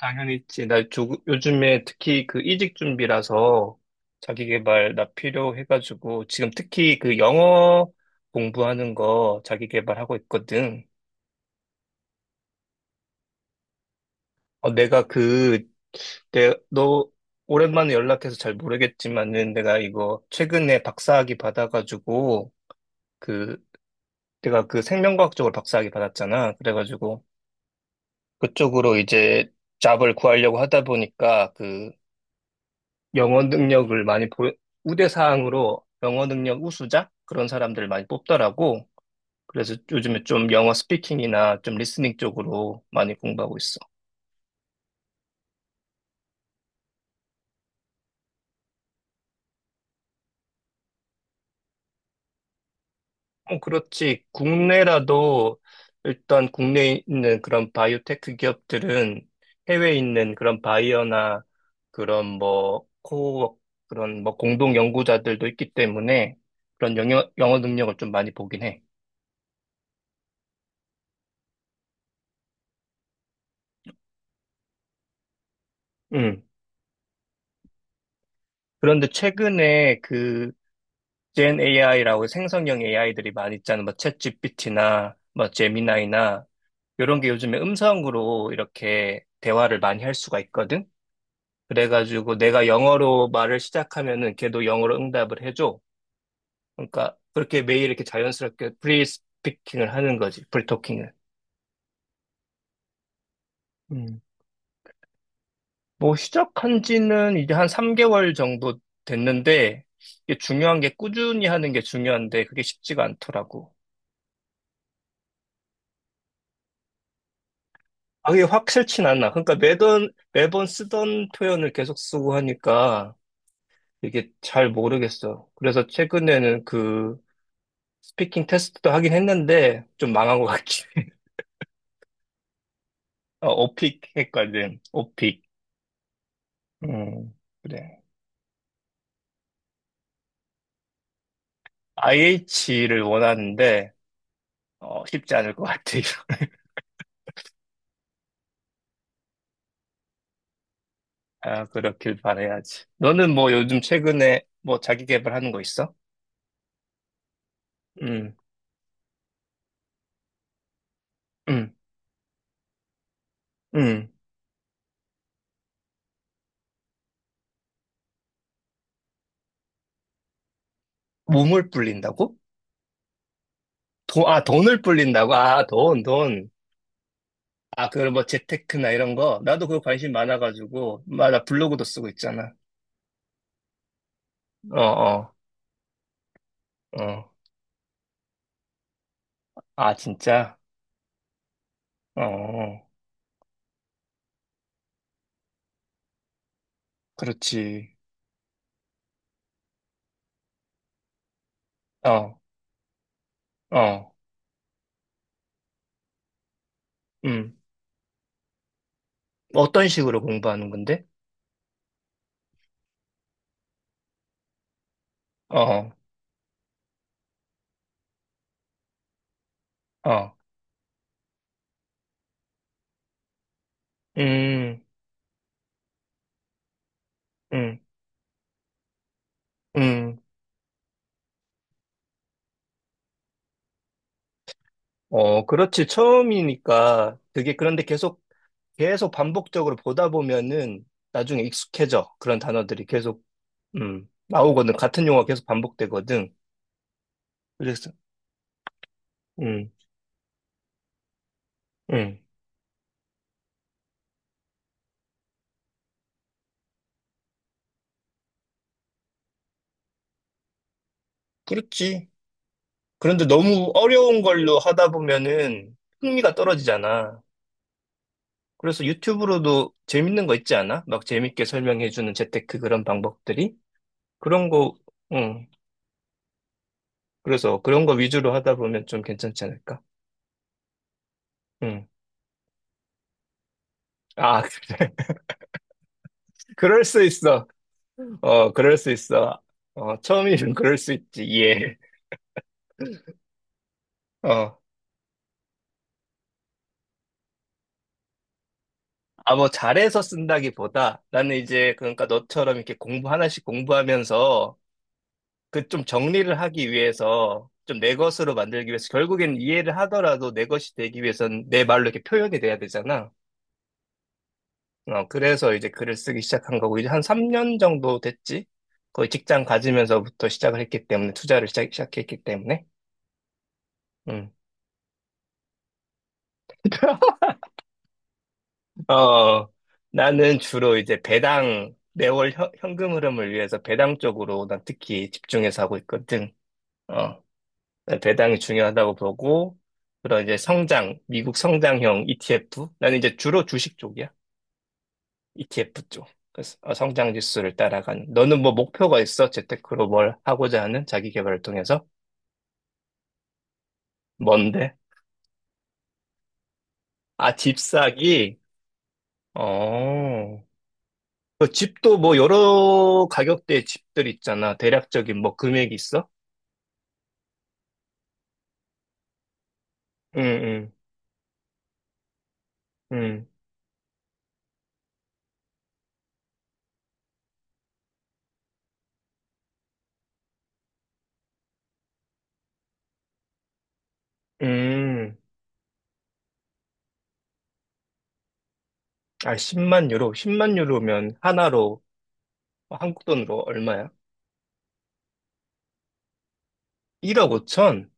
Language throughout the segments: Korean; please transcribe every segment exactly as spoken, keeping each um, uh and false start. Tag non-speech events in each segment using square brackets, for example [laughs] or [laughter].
당연히 있지. 나 조, 요즘에 특히 그 이직 준비라서 자기계발 나 필요해가지고 지금 특히 그 영어 공부하는 거 자기계발하고 있거든. 어, 내가 그, 내, 너 오랜만에 연락해서 잘 모르겠지만은 내가 이거 최근에 박사학위 받아가지고 그 내가 그 생명과학 쪽으로 박사학위 받았잖아. 그래가지고 그쪽으로 이제 잡을 구하려고 하다 보니까 그 영어 능력을 많이 보, 우대 사항으로 영어 능력 우수자? 그런 사람들을 많이 뽑더라고. 그래서 요즘에 좀 영어 스피킹이나 좀 리스닝 쪽으로 많이 공부하고 있어. 어, 그렇지. 국내라도 일단 국내에 있는 그런 바이오테크 기업들은 해외에 있는 그런 바이어나 그런 뭐 코어 그런 뭐 공동 연구자들도 있기 때문에 그런 영어, 영어 능력을 좀 많이 보긴 해. 음. 그런데 최근에 그 젠 에이아이라고 생성형 에이아이들이 많이 있잖아. 뭐 챗지피티나 뭐 제미나이나 이런 게 요즘에 음성으로 이렇게 대화를 많이 할 수가 있거든. 그래가지고 내가 영어로 말을 시작하면은 걔도 영어로 응답을 해줘. 그러니까 그렇게 매일 이렇게 자연스럽게 프리스피킹을 하는 거지. 프리토킹을. 음. 뭐 시작한 지는 이제 한 삼 개월 정도 됐는데 이게 중요한 게 꾸준히 하는 게 중요한데 그게 쉽지가 않더라고. 아, 그게 확실치 않나. 그러니까 매번, 매번 쓰던 표현을 계속 쓰고 하니까 이게 잘 모르겠어. 그래서 최근에는 그 스피킹 테스트도 하긴 했는데 좀 망한 것 같긴 해. [laughs] 어, 오픽 했거든. 오픽. 음, 그래. 아이에이치를 원하는데 어, 쉽지 않을 것 같아. [laughs] 아, 그렇길 바라야지. 너는 뭐 요즘 최근에 뭐 자기 개발하는 거 있어? 응, 응, 응. 몸을 불린다고? 돈, 아, 돈을 불린다고? 아, 돈, 돈. 아, 그런 뭐 재테크나 이런 거? 나도 그거 관심 많아가지고. 마, 나 블로그도 쓰고 있잖아. 어, 어, 어. 아, 진짜? 어, 어. 그렇지. 어, 어, 음. 어떤 식으로 공부하는 건데? 어, 어, 음, 음, 음. 어, 그렇지. 처음이니까 그게. 그런데 계속, 계속 반복적으로 보다 보면은 나중에 익숙해져. 그런 단어들이 계속, 음, 나오거든. 같은 용어가 계속 반복되거든. 그래서, 음, 음. 그렇지. 그런데 너무 어려운 걸로 하다 보면은 흥미가 떨어지잖아. 그래서 유튜브로도 재밌는 거 있지 않아? 막 재밌게 설명해주는 재테크 그런 방법들이? 그런 거, 응. 그래서 그런 거 위주로 하다 보면 좀 괜찮지 않을까? 응. 아, [laughs] 그래. 그럴 수 있어. 어, 그럴 수 있어. 어, 처음이면 그럴 수 있지. 예. 어. 아, 뭐, 잘해서 쓴다기보다 나는 이제, 그러니까 너처럼 이렇게 공부 하나씩 공부하면서 그 좀 정리를 하기 위해서 좀 내 것으로 만들기 위해서. 결국엔 이해를 하더라도 내 것이 되기 위해선 내 말로 이렇게 표현이 돼야 되잖아. 어, 그래서 이제 글을 쓰기 시작한 거고 이제 한 삼 년 정도 됐지. 거의 직장 가지면서부터 시작을 했기 때문에. 투자를 시작, 시작했기 때문에. 음. [laughs] 어, 나는 주로 이제 배당 매월 현, 금 흐름을 위해서 배당 쪽으로 난 특히 집중해서 하고 있거든. 어, 네, 배당이 중요하다고 보고, 그런 이제 성장, 미국 성장형 이티에프. 나는 이제 주로 주식 쪽이야. 이티에프 쪽. 그래서 어, 성장 지수를 따라가는. 너는 뭐 목표가 있어? 재테크로 뭘 하고자 하는 자기 개발을 통해서? 뭔데? 아, 집 사기? 어. 그 집도 뭐 여러 가격대의 집들 있잖아. 대략적인 뭐 금액이 있어? 응, 응, 응, 응. 아, 십만 유로. 십만 유로면 하나로 한국 돈으로 얼마야? 일억 오천?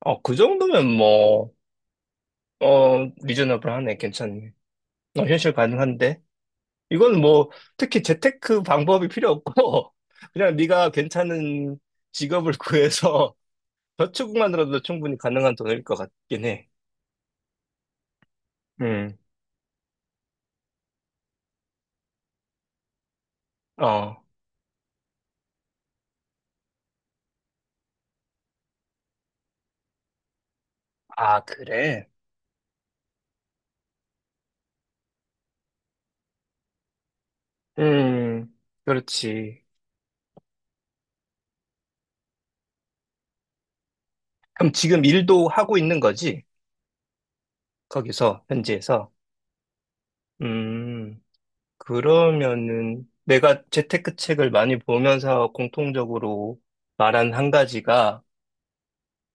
어, 그 정도면 뭐, 어, 리저너블하네. 괜찮네. 어, 현실 가능한데. 이건 뭐, 특히 재테크 방법이 필요 없고, [laughs] 그냥 네가 괜찮은 직업을 [laughs] 구해서 저축만으로도 충분히 가능한 돈일 것 같긴 해. 음, 어. 아, 그래? 음, 그렇지. 그럼 지금 일도 하고 있는 거지? 거기서, 현지에서. 음, 그러면은 내가 재테크 책을 많이 보면서 공통적으로 말한 한 가지가,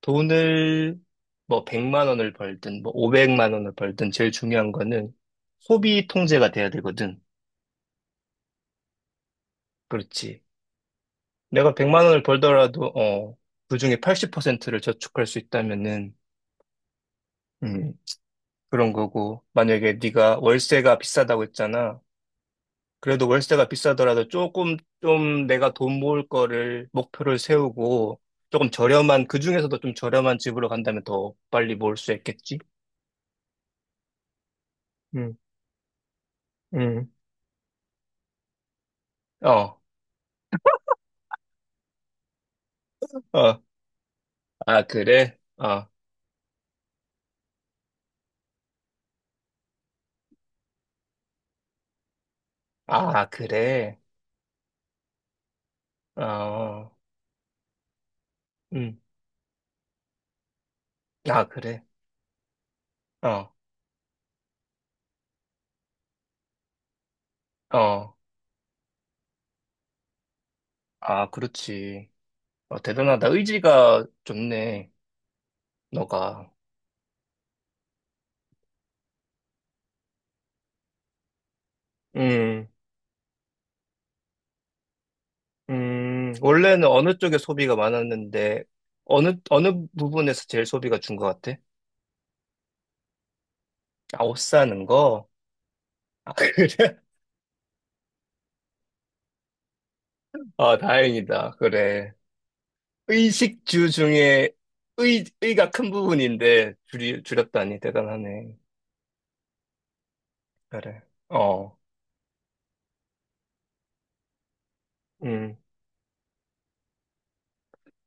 돈을 뭐 백만 원을 벌든 뭐 오백만 원을 벌든 제일 중요한 거는 소비 통제가 돼야 되거든. 그렇지. 내가 백만 원을 벌더라도 어, 그중에 팔십 퍼센트를 저축할 수 있다면은. 음, 그런 거고. 만약에 네가 월세가 비싸다고 했잖아. 그래도 월세가 비싸더라도 조금, 좀 내가 돈 모을 거를 목표를 세우고 조금 저렴한 그 중에서도 좀 저렴한 집으로 간다면 더 빨리 모을 수 있겠지? 응, 응. 어, 어. 아, 그래? 어. 아, 그래? 어. 응. 아, 그래? 어. 어. 아, 그렇지. 어, 대단하다. 의지가 좋네. 너가. 음. 음. 원래는 어느 쪽에 소비가 많았는데 어느 어느 부분에서 제일 소비가 준 것 같아? 아, 옷 사는 거? 아, 그래? [laughs] 아, 다행이다. 그래. 의식주 중에 의, 의가 큰 부분인데 줄이, 줄였다니 대단하네. 그래. 어. 음.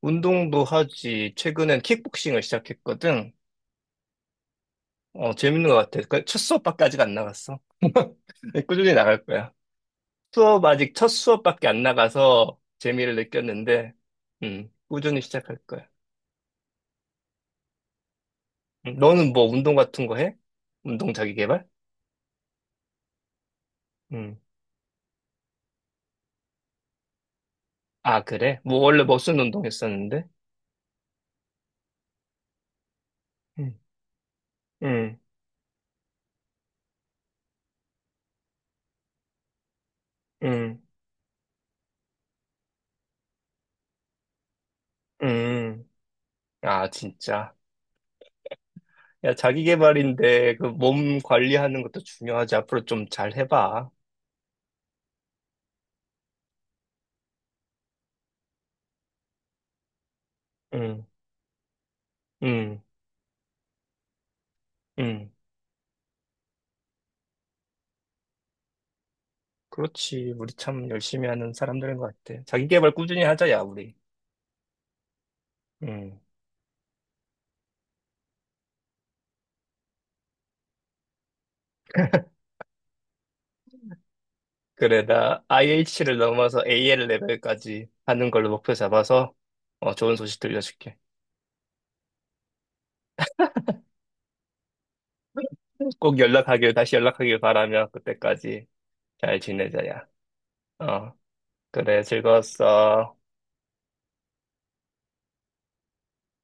운동도 하지. 최근엔 킥복싱을 시작했거든. 어, 재밌는 것 같아. 그 첫 수업밖에까지가 안 나갔어. 근데 꾸준히 나갈 거야. 수업 아직 첫 수업밖에 안 나가서 재미를 느꼈는데, 음, 꾸준히 시작할 거야. 음, 너는 뭐 운동 같은 거 해? 운동 자기 개발? 음. 아, 그래? 뭐 원래 무슨 운동 했었는데? 응, 응, 응, 응. 아, 진짜. 야, 자기 개발인데 그 몸 관리하는 것도 중요하지. 앞으로 좀 잘 해봐. 응, 응, 응. 그렇지. 우리 참 열심히 하는 사람들인 것 같아. 자기 개발 꾸준히 하자, 야, 우리. 응. [laughs] 그래, 나 아이에이치를 넘어서 에이엘 레벨까지 하는 걸로 목표 잡아서 어, 좋은 소식 들려줄게. 꼭 연락하길, 다시 연락하길 바라며 그때까지 잘 지내자, 야. 어, 그래, 즐거웠어.